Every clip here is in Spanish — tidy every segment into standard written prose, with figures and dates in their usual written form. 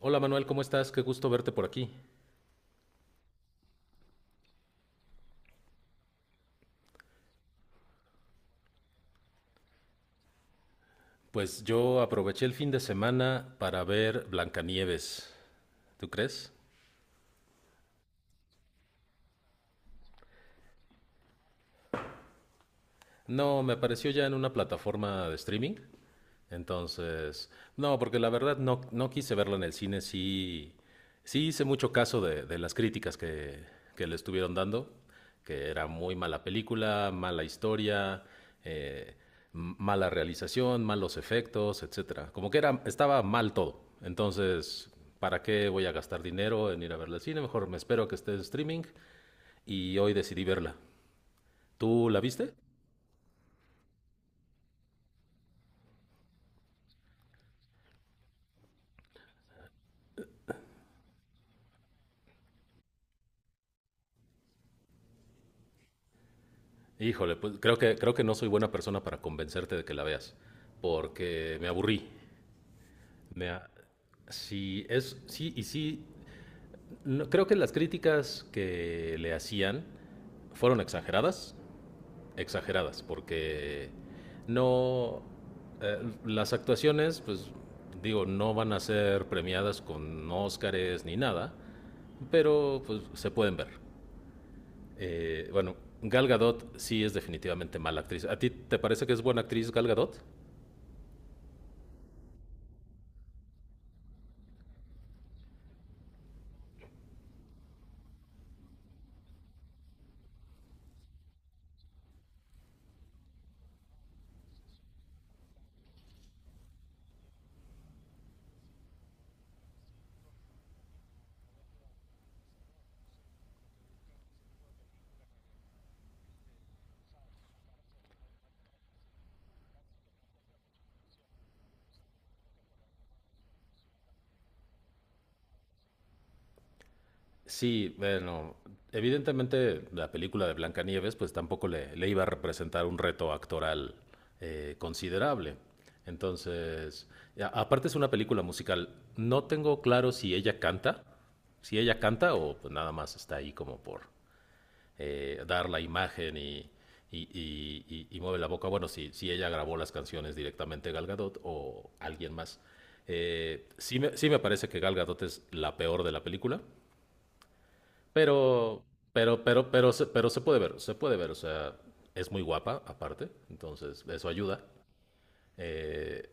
Hola Manuel, ¿cómo estás? Qué gusto verte por aquí. Pues yo aproveché el fin de semana para ver Blancanieves. ¿Tú crees? No, me apareció ya en una plataforma de streaming. Entonces, no, porque la verdad no, no quise verla en el cine. Sí, sí hice mucho caso de las críticas que le estuvieron dando, que era muy mala película, mala historia, eh, mala realización, malos efectos, etcétera. Como que era, estaba mal todo. Entonces, ¿para qué voy a gastar dinero en ir a verla al cine? Mejor me espero a que esté en streaming y hoy decidí verla. ¿Tú la viste? Híjole, pues creo que no soy buena persona para convencerte de que la veas, porque me aburrí. Me a- Sí, es, sí, y sí, creo que las críticas que le hacían fueron exageradas, exageradas, porque no, eh, las actuaciones, pues digo, no van a ser premiadas con Óscares ni nada, pero pues se pueden ver. Bueno, Gal Gadot sí es definitivamente mala actriz. ¿A ti te parece que es buena actriz Gal Gadot? Sí, bueno, evidentemente la película de Blancanieves pues tampoco le iba a representar un reto actoral considerable. Entonces, aparte es una película musical. No tengo claro si ella canta, si ella canta o pues, nada más está ahí como por dar la imagen y mueve la boca. Bueno, si, si ella grabó las canciones directamente Gal Gadot o alguien más. Sí, me parece que Gal Gadot es la peor de la película, pero, pero pero se puede ver, se puede ver. O sea, es muy guapa aparte, entonces eso ayuda. Eh,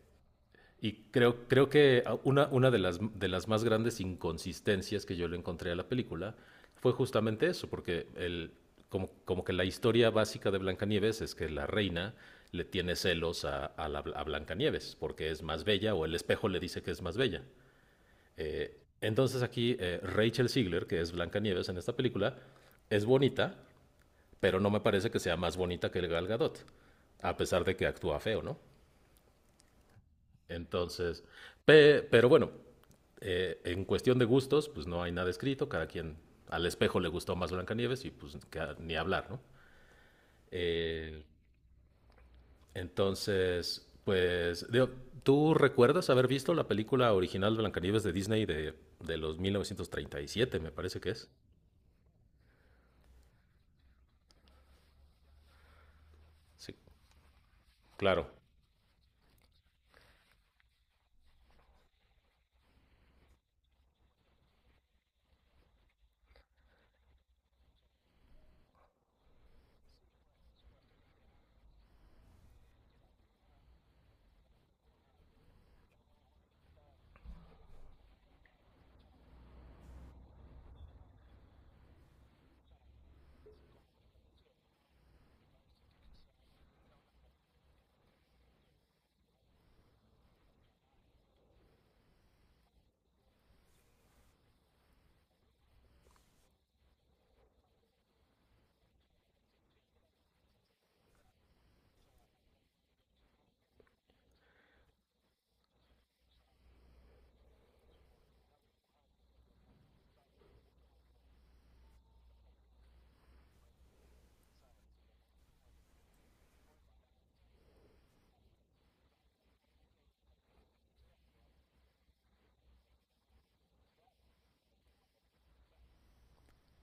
creo que una de las más grandes inconsistencias que yo le encontré a la película fue justamente eso, porque como que la historia básica de Blancanieves es que la reina le tiene celos a a Blancanieves porque es más bella o el espejo le dice que es más bella. Entonces aquí Rachel Ziegler, que es Blancanieves en esta película, es bonita, pero no me parece que sea más bonita que el Gal Gadot, a pesar de que actúa feo, ¿no? Entonces, pero bueno, en cuestión de gustos, pues no hay nada escrito, cada quien al espejo le gustó más Blancanieves y pues ni hablar, ¿no? Eh, entonces, pues, digo, ¿tú recuerdas haber visto la película original Blancanieves de Disney de los 1937, me parece que es? Sí, claro.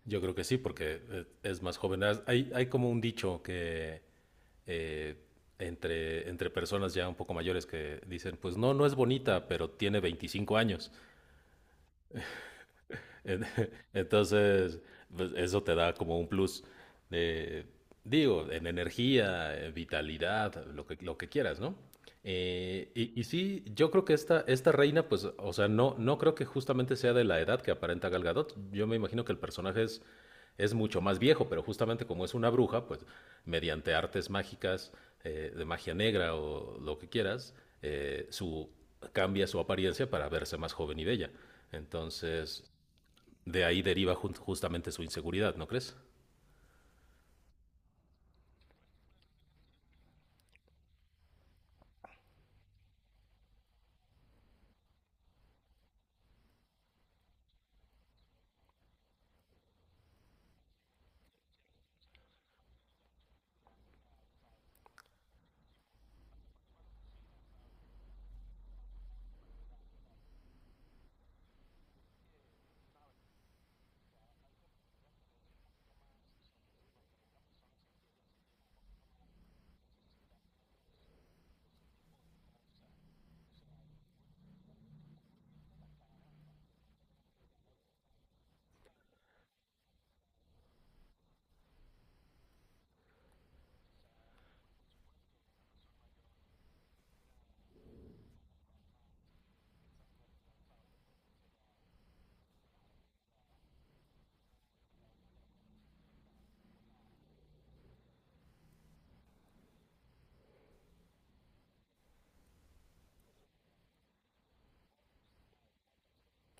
Yo creo que sí, porque es más joven. Hay como un dicho que eh, entre personas ya un poco mayores que dicen, pues no, no es bonita, pero tiene 25 años. En- Entonces, pues, eso te da como un plus de, digo, en energía, en vitalidad, lo que quieras, ¿no? Y sí, yo creo que esta reina, pues, o sea, no, no creo que justamente sea de la edad que aparenta Gal Gadot. Yo me imagino que es mucho más viejo, pero justamente como es una bruja, pues, mediante artes mágicas, de magia negra o lo que quieras, eh, su, cambia su apariencia para verse más joven y bella. Entonces, de ahí deriva justamente su inseguridad, ¿no crees?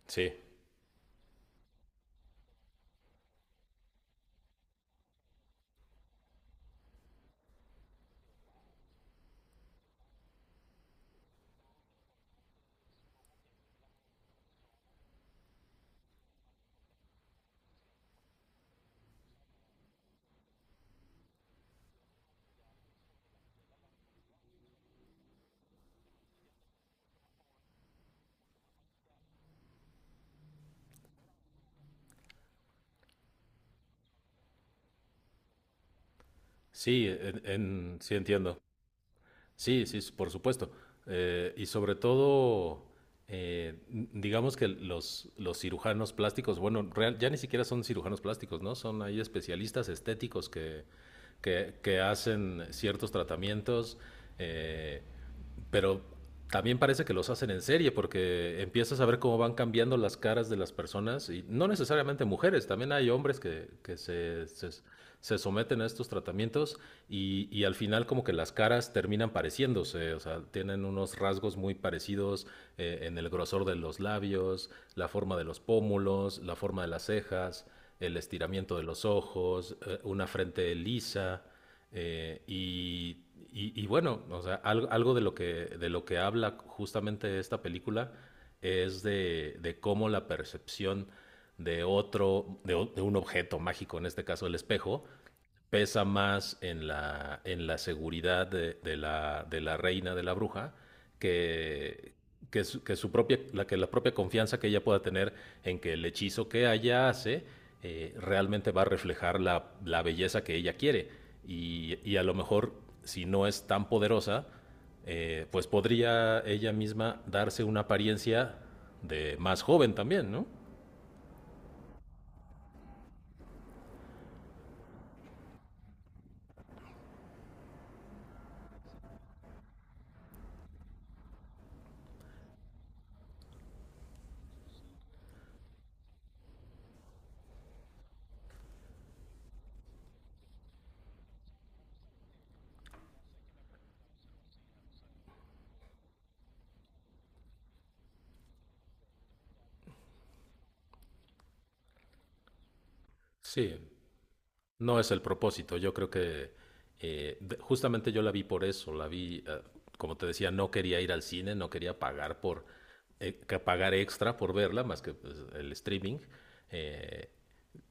Sí, sí, sí entiendo. Sí, sí, por supuesto. Y sobre todo, digamos que los cirujanos plásticos, bueno, ya ni siquiera son cirujanos plásticos, ¿no? Son ahí especialistas estéticos que hacen ciertos tratamientos. eh, Pero también parece que los hacen en serie porque empiezas a ver cómo van cambiando las caras de las personas y no necesariamente mujeres, también hay hombres que se someten a estos tratamientos y al final como que las caras terminan pareciéndose, o sea, tienen unos rasgos muy parecidos en el grosor de los labios, la forma de los pómulos, la forma de las cejas, el estiramiento de los ojos, una frente lisa. Eh, y, y bueno, o sea, algo de de lo que habla justamente esta película es de cómo la percepción de otro, de un objeto mágico, en este caso el espejo, pesa más en la seguridad de la reina de la bruja que, que su propia, la, que la propia confianza que ella pueda tener en que el hechizo que ella hace realmente va a reflejar la belleza que ella quiere. A lo mejor, si no es tan poderosa, pues podría ella misma darse una apariencia de más joven también, ¿no? Sí, no es el propósito. Yo creo que justamente yo la vi por eso. Como te decía, no quería ir al cine, no quería pagar por que pagar extra por verla, más que pues, el streaming, eh,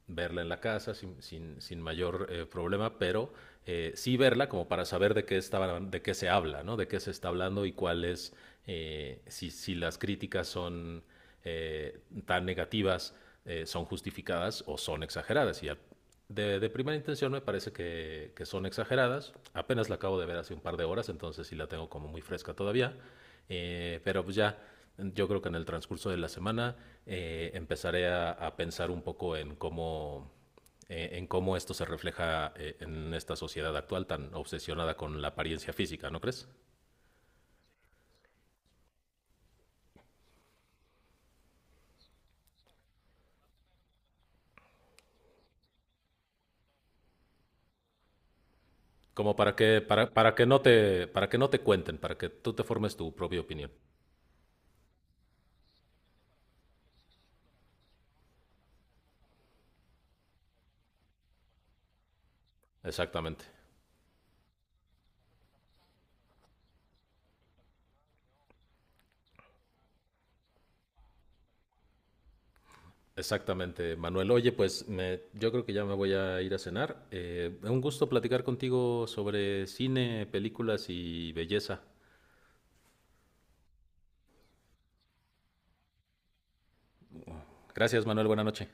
verla en la casa sin mayor problema, pero sí verla como para saber de qué estaban, de qué se habla, ¿no? De qué se está hablando y cuáles, si las críticas son eh, tan negativas son justificadas o son exageradas. De primera intención me parece que son exageradas. Apenas la acabo de ver hace un par de horas, entonces sí la tengo como muy fresca todavía. Eh, pero pues ya, yo creo que en el transcurso de la semana empezaré a pensar un poco en cómo esto se refleja en esta sociedad actual tan obsesionada con la apariencia física, ¿no crees? Como para para que no te, para que no te cuenten, para que tú te formes tu propia opinión. Exactamente. Exactamente, Manuel. Oye, pues yo creo que ya me voy a ir a cenar. Un gusto platicar contigo sobre cine, películas y belleza. Gracias, Manuel. Buena noche.